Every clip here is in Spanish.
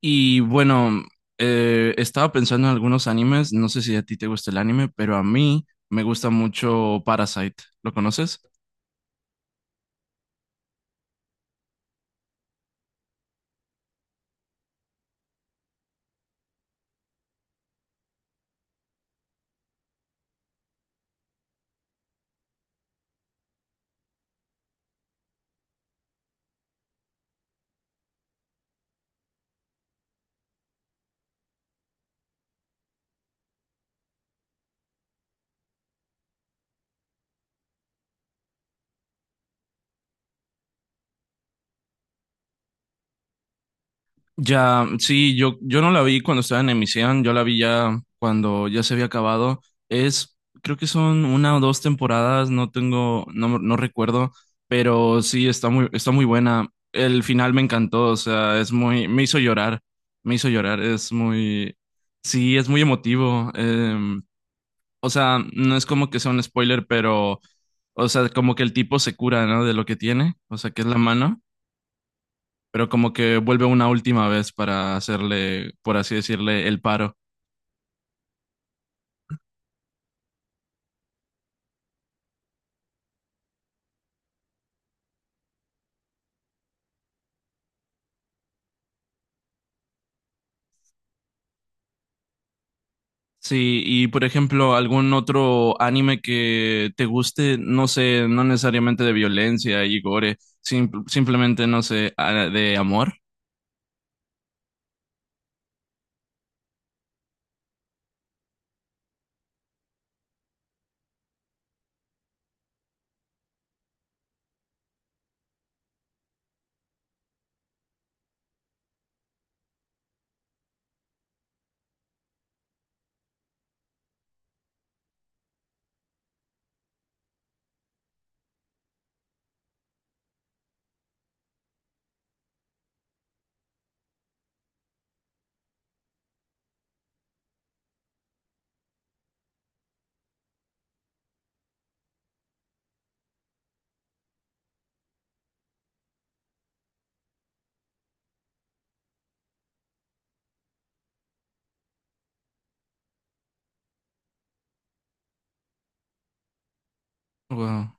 Y bueno, estaba pensando en algunos animes, no sé si a ti te gusta el anime, pero a mí me gusta mucho Parasite. ¿Lo conoces? Ya, sí, yo no la vi cuando estaba en emisión, yo la vi ya cuando ya se había acabado. Es, creo que son una o dos temporadas, no tengo, no recuerdo, pero sí, está muy buena. El final me encantó, o sea, me hizo llorar, es muy, sí, es muy emotivo. O sea, no es como que sea un spoiler, pero, o sea, como que el tipo se cura, ¿no? De lo que tiene, o sea, que es la mano, pero como que vuelve una última vez para hacerle, por así decirle, el paro. Sí, y por ejemplo, algún otro anime que te guste, no sé, no necesariamente de violencia y gore, simplemente, no sé, de amor. Wow.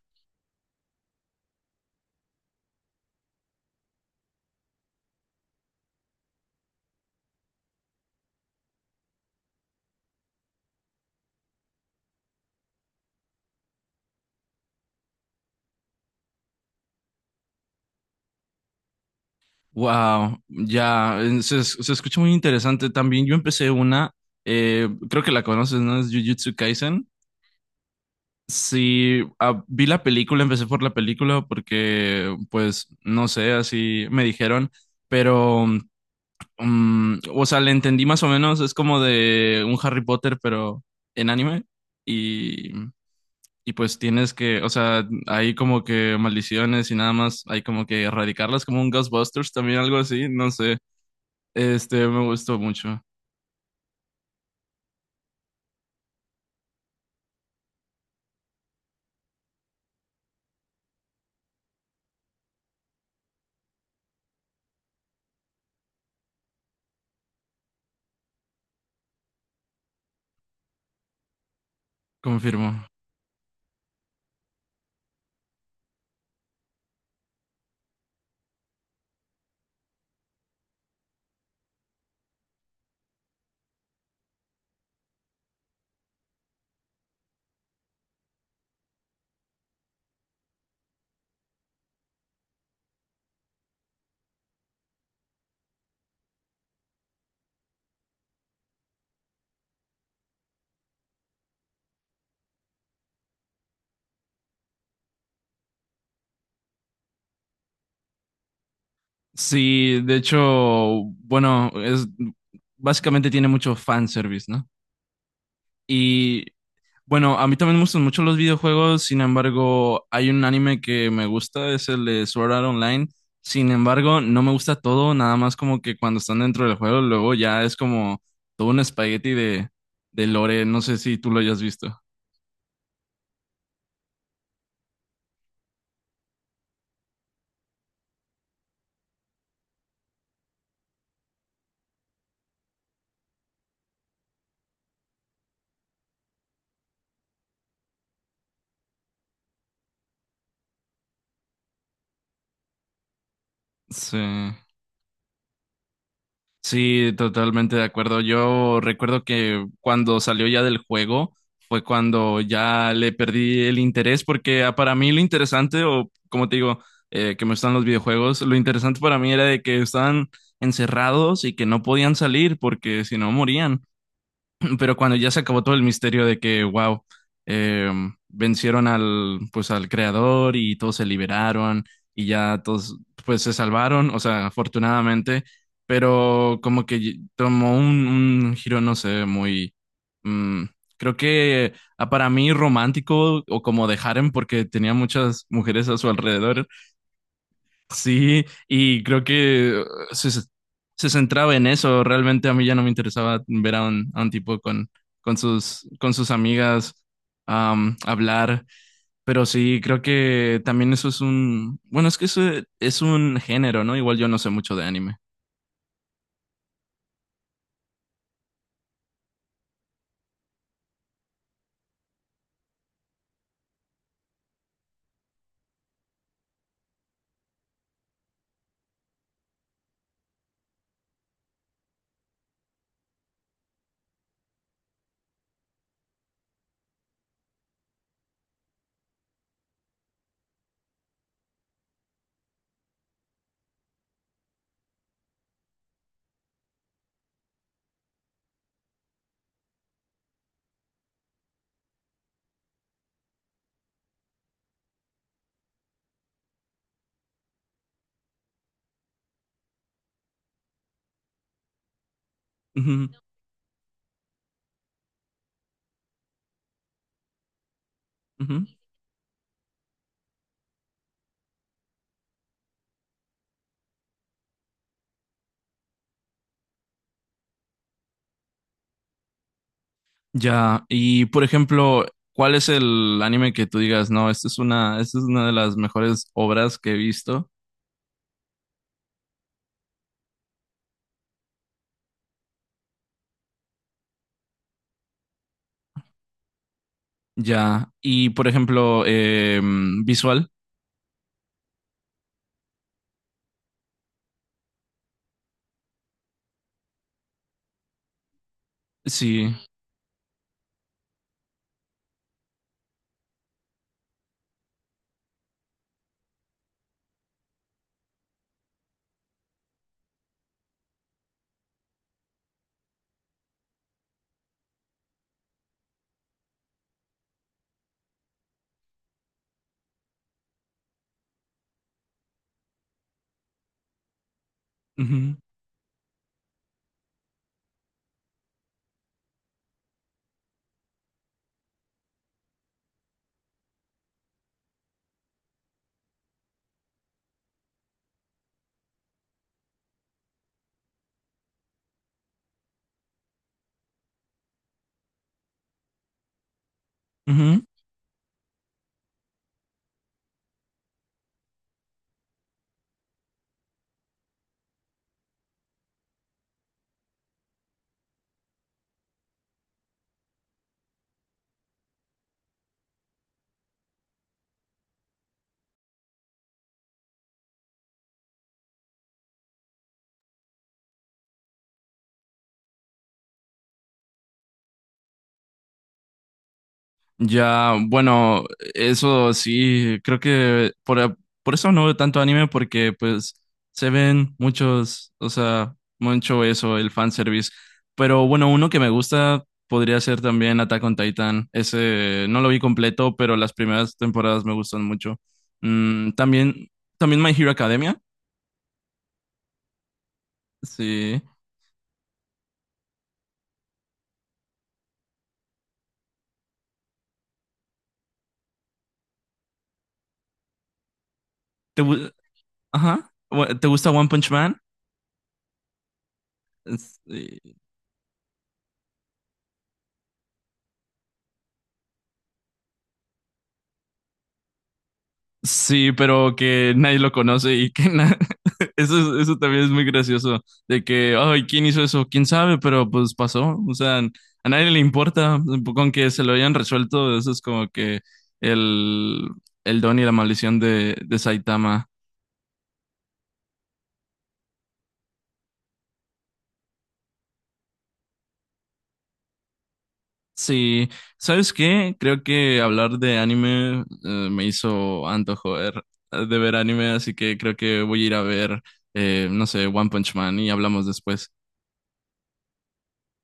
Wow, ya, se escucha muy interesante también. Yo empecé una, creo que la conoces, ¿no? Es Jujutsu Kaisen. Sí, ah, vi la película, empecé por la película porque, pues, no sé, así me dijeron, pero, o sea, le entendí más o menos, es como de un Harry Potter, pero en anime, y, y pues tienes que, o sea, hay como que maldiciones y nada más, hay como que erradicarlas, como un Ghostbusters, también algo así, no sé, este, me gustó mucho, confirmo. Sí, de hecho, bueno, es, básicamente tiene mucho fanservice, ¿no? Y bueno, a mí también me gustan mucho los videojuegos, sin embargo, hay un anime que me gusta, es el de Sword Art Online. Sin embargo, no me gusta todo, nada más como que cuando están dentro del juego, luego ya es como todo un espagueti de lore, no sé si tú lo hayas visto. Sí. Sí, totalmente de acuerdo. Yo recuerdo que cuando salió ya del juego fue cuando ya le perdí el interés porque para mí lo interesante, o como te digo, que me gustan los videojuegos, lo interesante para mí era de que estaban encerrados y que no podían salir porque si no morían, pero cuando ya se acabó todo el misterio de que, wow, eh, vencieron al, pues, al creador y todos se liberaron y ya todos, pues, se salvaron, o sea, afortunadamente, pero como que tomó un giro, no sé, muy, mm, creo que para mí romántico o como de harem porque tenía muchas mujeres a su alrededor. Sí, y creo que se centraba en eso. Realmente a mí ya no me interesaba ver a un tipo con sus amigas hablar. Pero sí, creo que también eso es un, bueno, es que eso e, es un género, ¿no? Igual yo no sé mucho de anime. Ujú, ujú. Ya, y por ejemplo, ¿cuál es el anime que tú digas, no, esta es una de las mejores obras que he visto? Ya, y por ejemplo, visual. Sí, ujú, ujú. Ya, bueno, eso sí, creo que por, por eso no veo tanto anime porque pues se ven muchos, o sea, mucho eso, el fanservice. Pero bueno, uno que me gusta podría ser también Attack on Titan. Ese no lo vi completo, pero las primeras temporadas me gustan mucho. Mm, también, también My Hero Academia. Sí. ¿Te, gu- ajá. Bueno, ¿te gusta One Punch Man? Sí. Sí, pero que nadie lo conoce y que eso también es muy gracioso, de que, ay, ¿quién hizo eso? ¿Quién sabe? Pero pues pasó, o sea, a nadie le importa, con que se lo hayan resuelto, eso es como que el, el don y la maldición de Saitama. Sí, ¿sabes qué? Creo que hablar de anime me hizo antojo de ver anime, así que creo que voy a ir a ver, no sé, One Punch Man y hablamos después.